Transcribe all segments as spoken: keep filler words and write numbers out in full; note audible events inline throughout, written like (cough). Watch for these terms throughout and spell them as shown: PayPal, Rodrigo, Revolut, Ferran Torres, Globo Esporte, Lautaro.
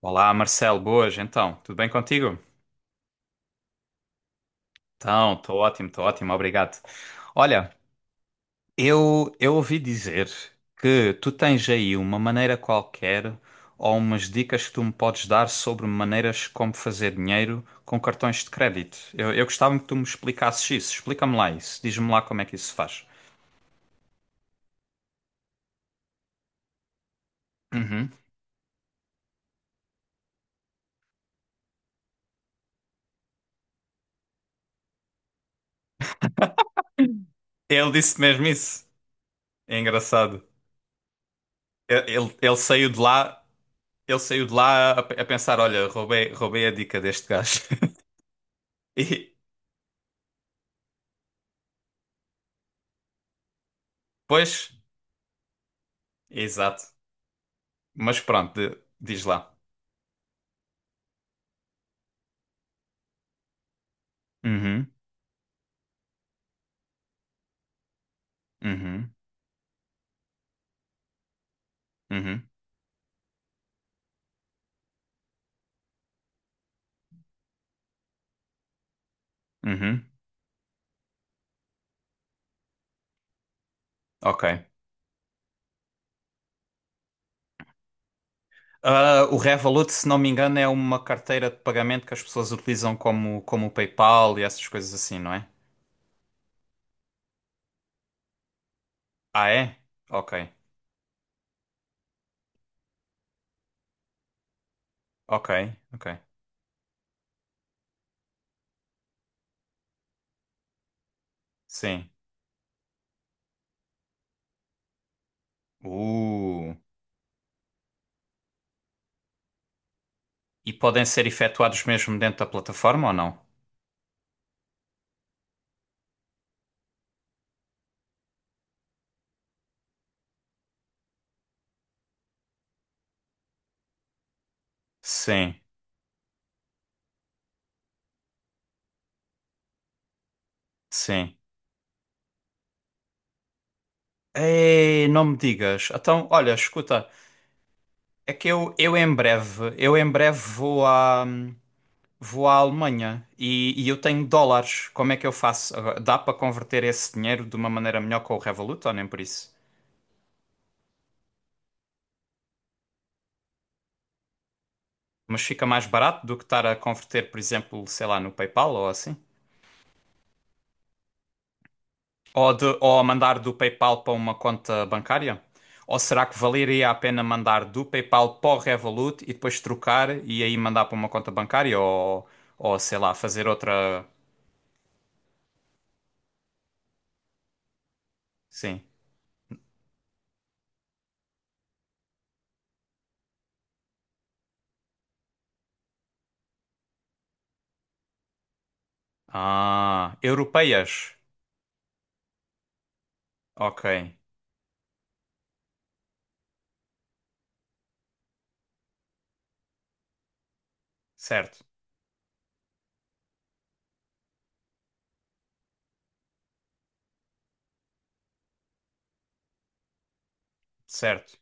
Olá, Marcelo, boas, então, tudo bem contigo? Então, estou ótimo, estou ótimo, obrigado. Olha, eu, eu ouvi dizer que tu tens aí uma maneira qualquer ou umas dicas que tu me podes dar sobre maneiras como fazer dinheiro com cartões de crédito. Eu, eu gostava que tu me explicasses isso, explica-me lá isso, diz-me lá como é que isso se faz. Uhum. Ele disse mesmo isso. É engraçado. Ele, ele- ele saiu de lá, ele saiu de lá a, a pensar, olha, roubei, roubei a dica deste gajo. (laughs) E, Pois, exato. Mas pronto, de- diz lá. Uhum, uhum, uhum, uhum. Ok. Ah, o Revolut, se não me engano, é uma carteira de pagamento que as pessoas utilizam como, como o PayPal e essas coisas assim, não é? Ah, é? Ok, ok, ok. Sim. Uh. E podem ser efetuados mesmo dentro da plataforma ou não? Sim, sim. Ei, não me digas. Então, olha, escuta, é que eu, eu em breve, eu em breve vou à, hum, vou à Alemanha e, e eu tenho dólares. Como é que eu faço? Dá para converter esse dinheiro de uma maneira melhor com o Revolut ou nem por isso? Mas fica mais barato do que estar a converter, por exemplo, sei lá, no PayPal ou assim? Ou, de, ou a mandar do PayPal para uma conta bancária? Ou será que valeria a pena mandar do PayPal para o Revolut e depois trocar e aí mandar para uma conta bancária? Ou, ou sei lá, fazer outra. Sim. Ah, europeias. Ok. Certo, certo.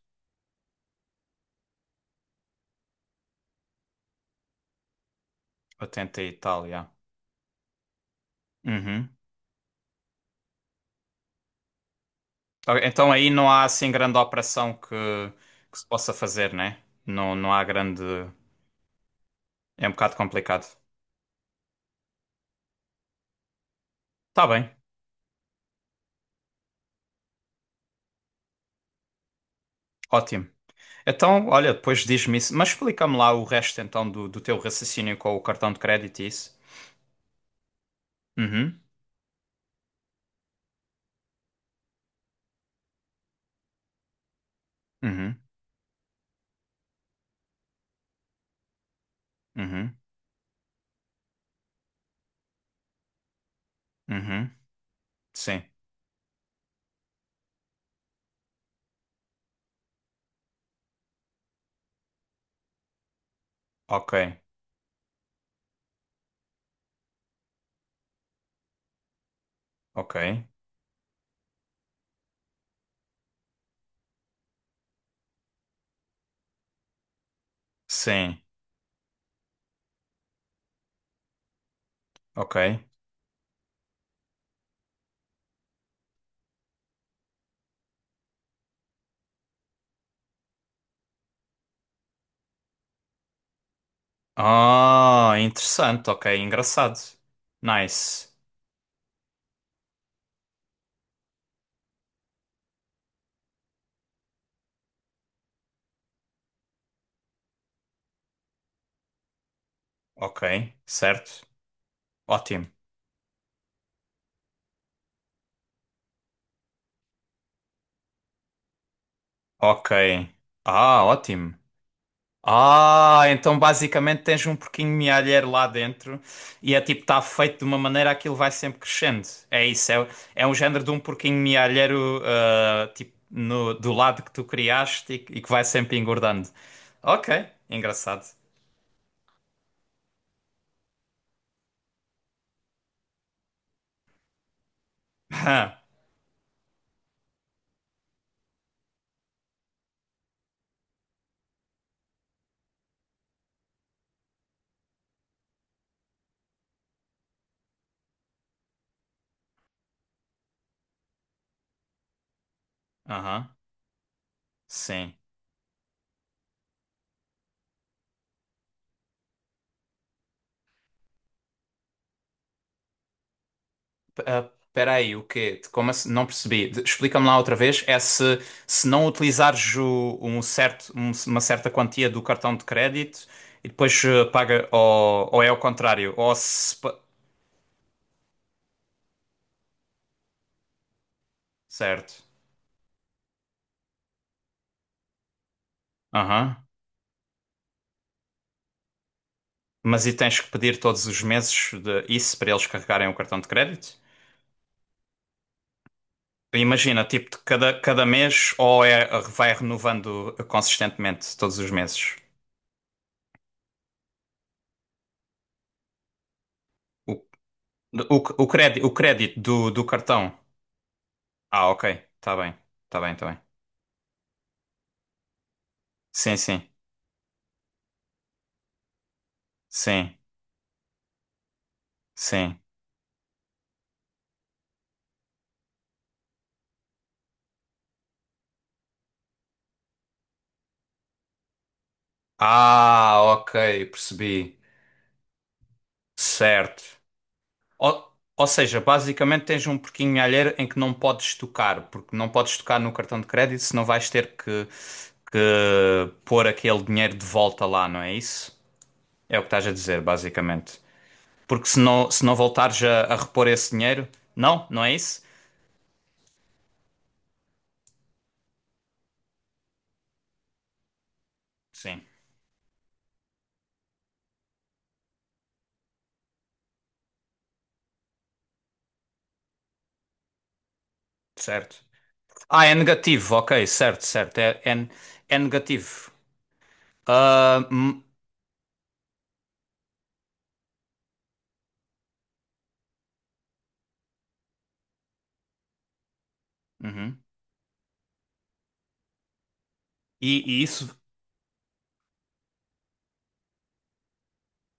oitenta e tal, yeah. Uhum. Ok, então aí não há assim grande operação que, que se possa fazer, né? Não, não há grande. É um bocado complicado. Tá bem, ótimo. Então, olha, depois diz-me isso. Mas explica-me lá o resto então do, do teu raciocínio com o cartão de crédito e isso. Uhum, uhum, uhum, uhum. Sim. Ok, ok. Sim, ok. Ah, interessante, ok. Engraçado. Nice. Ok, certo. Ótimo. Ok. Ah, ótimo. Ah, então basicamente tens um porquinho mealheiro lá dentro e é tipo, está feito de uma maneira aquilo vai sempre crescendo. É isso, é, é um género de um porquinho mealheiro ah, tipo, no, do lado que tu criaste e, que e que vai sempre engordando. Ok, engraçado. (laughs) Aham, sim. P- ah, Peraí, o quê? De- Como assim? Não percebi. De- Explica-me lá outra vez. É se, se não utilizares o- um certo, um- uma certa quantia do cartão de crédito e depois eh, paga, ou, ou é ao contrário, ou se... pa- Certo. Aham. Mas e tens que pedir todos os meses de isso para eles carregarem o cartão de crédito? Imagina, tipo, de cada, cada mês ou é, vai renovando consistentemente todos os meses? O, o, o crédito, o crédito do, do cartão. Ah, ok. Tá bem. Tá bem, tá bem. Sim, sim. Sim, sim. Ah, ok. Percebi. Certo. Ou, ou seja, basicamente tens um porquinho alheiro em que não podes tocar, porque não podes tocar no cartão de crédito, senão vais ter que, que pôr aquele dinheiro de volta lá, não é isso? É o que estás a dizer, basicamente. Porque se não, se não voltares a, a repor esse dinheiro, não, não é isso? Sim, certo. Ah, é negativo, ok, certo, certo. É, é, é negativo. Ah, hum, uhum. E, e isso,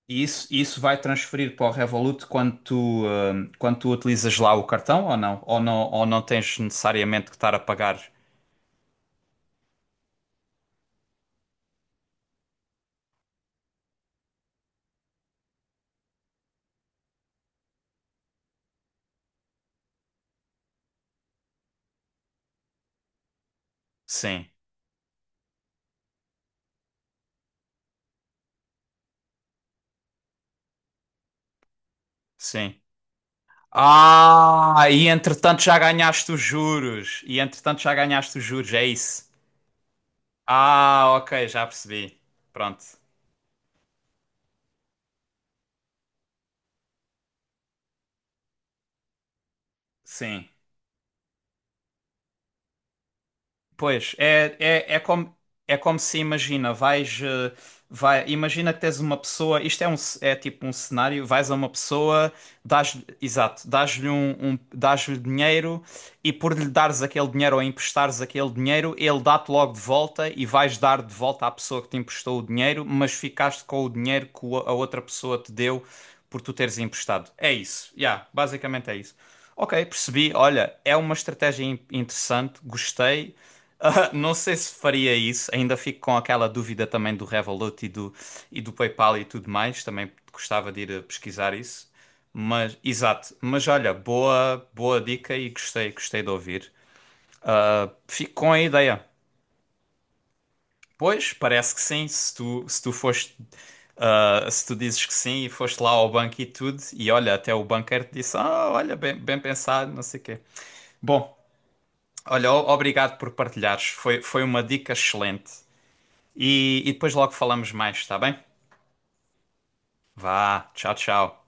e isso, e isso vai transferir para o Revolut quando tu, ah, quando tu utilizas lá o cartão ou não? Ou não, ou não tens necessariamente que estar a pagar? Sim, sim. Ah, e entretanto já ganhaste os juros. E entretanto já ganhaste os juros, é isso. Ah, ok, já percebi. Pronto. Sim. Pois, é, é, é como, é como se imagina, vais, eh, vai, imagina que tens uma pessoa, isto é, um, ce- é tipo um cenário, vais a uma pessoa, dás, exato, dás-lhe um, um, dás-lhe dinheiro e por lhe dares aquele dinheiro ou emprestares aquele dinheiro, ele dá-te logo de volta e vais dar de volta à pessoa que te emprestou o dinheiro, mas ficaste com o dinheiro que o- a outra pessoa te deu por tu teres emprestado. É isso, yeah, basicamente é isso. Ok, percebi. Olha, é uma estratégia in- interessante, gostei. Ah, não sei se faria isso, ainda fico com aquela dúvida também do Revolut e do, e do PayPal e tudo mais, também gostava de ir a pesquisar isso. Mas, exato, mas olha, boa, boa dica e gostei, gostei de ouvir. Ah, fico com a ideia. Pois, parece que sim, se tu, se tu foste, ah, se tu dizes que sim e foste lá ao banco e tudo, e olha, até o banqueiro te disse, ah, olha, bem, bem pensado, não sei o quê. Bom, olha, o- obrigado por partilhares, foi, foi uma dica excelente. E, e depois logo falamos mais, está bem? Vá, tchau, tchau.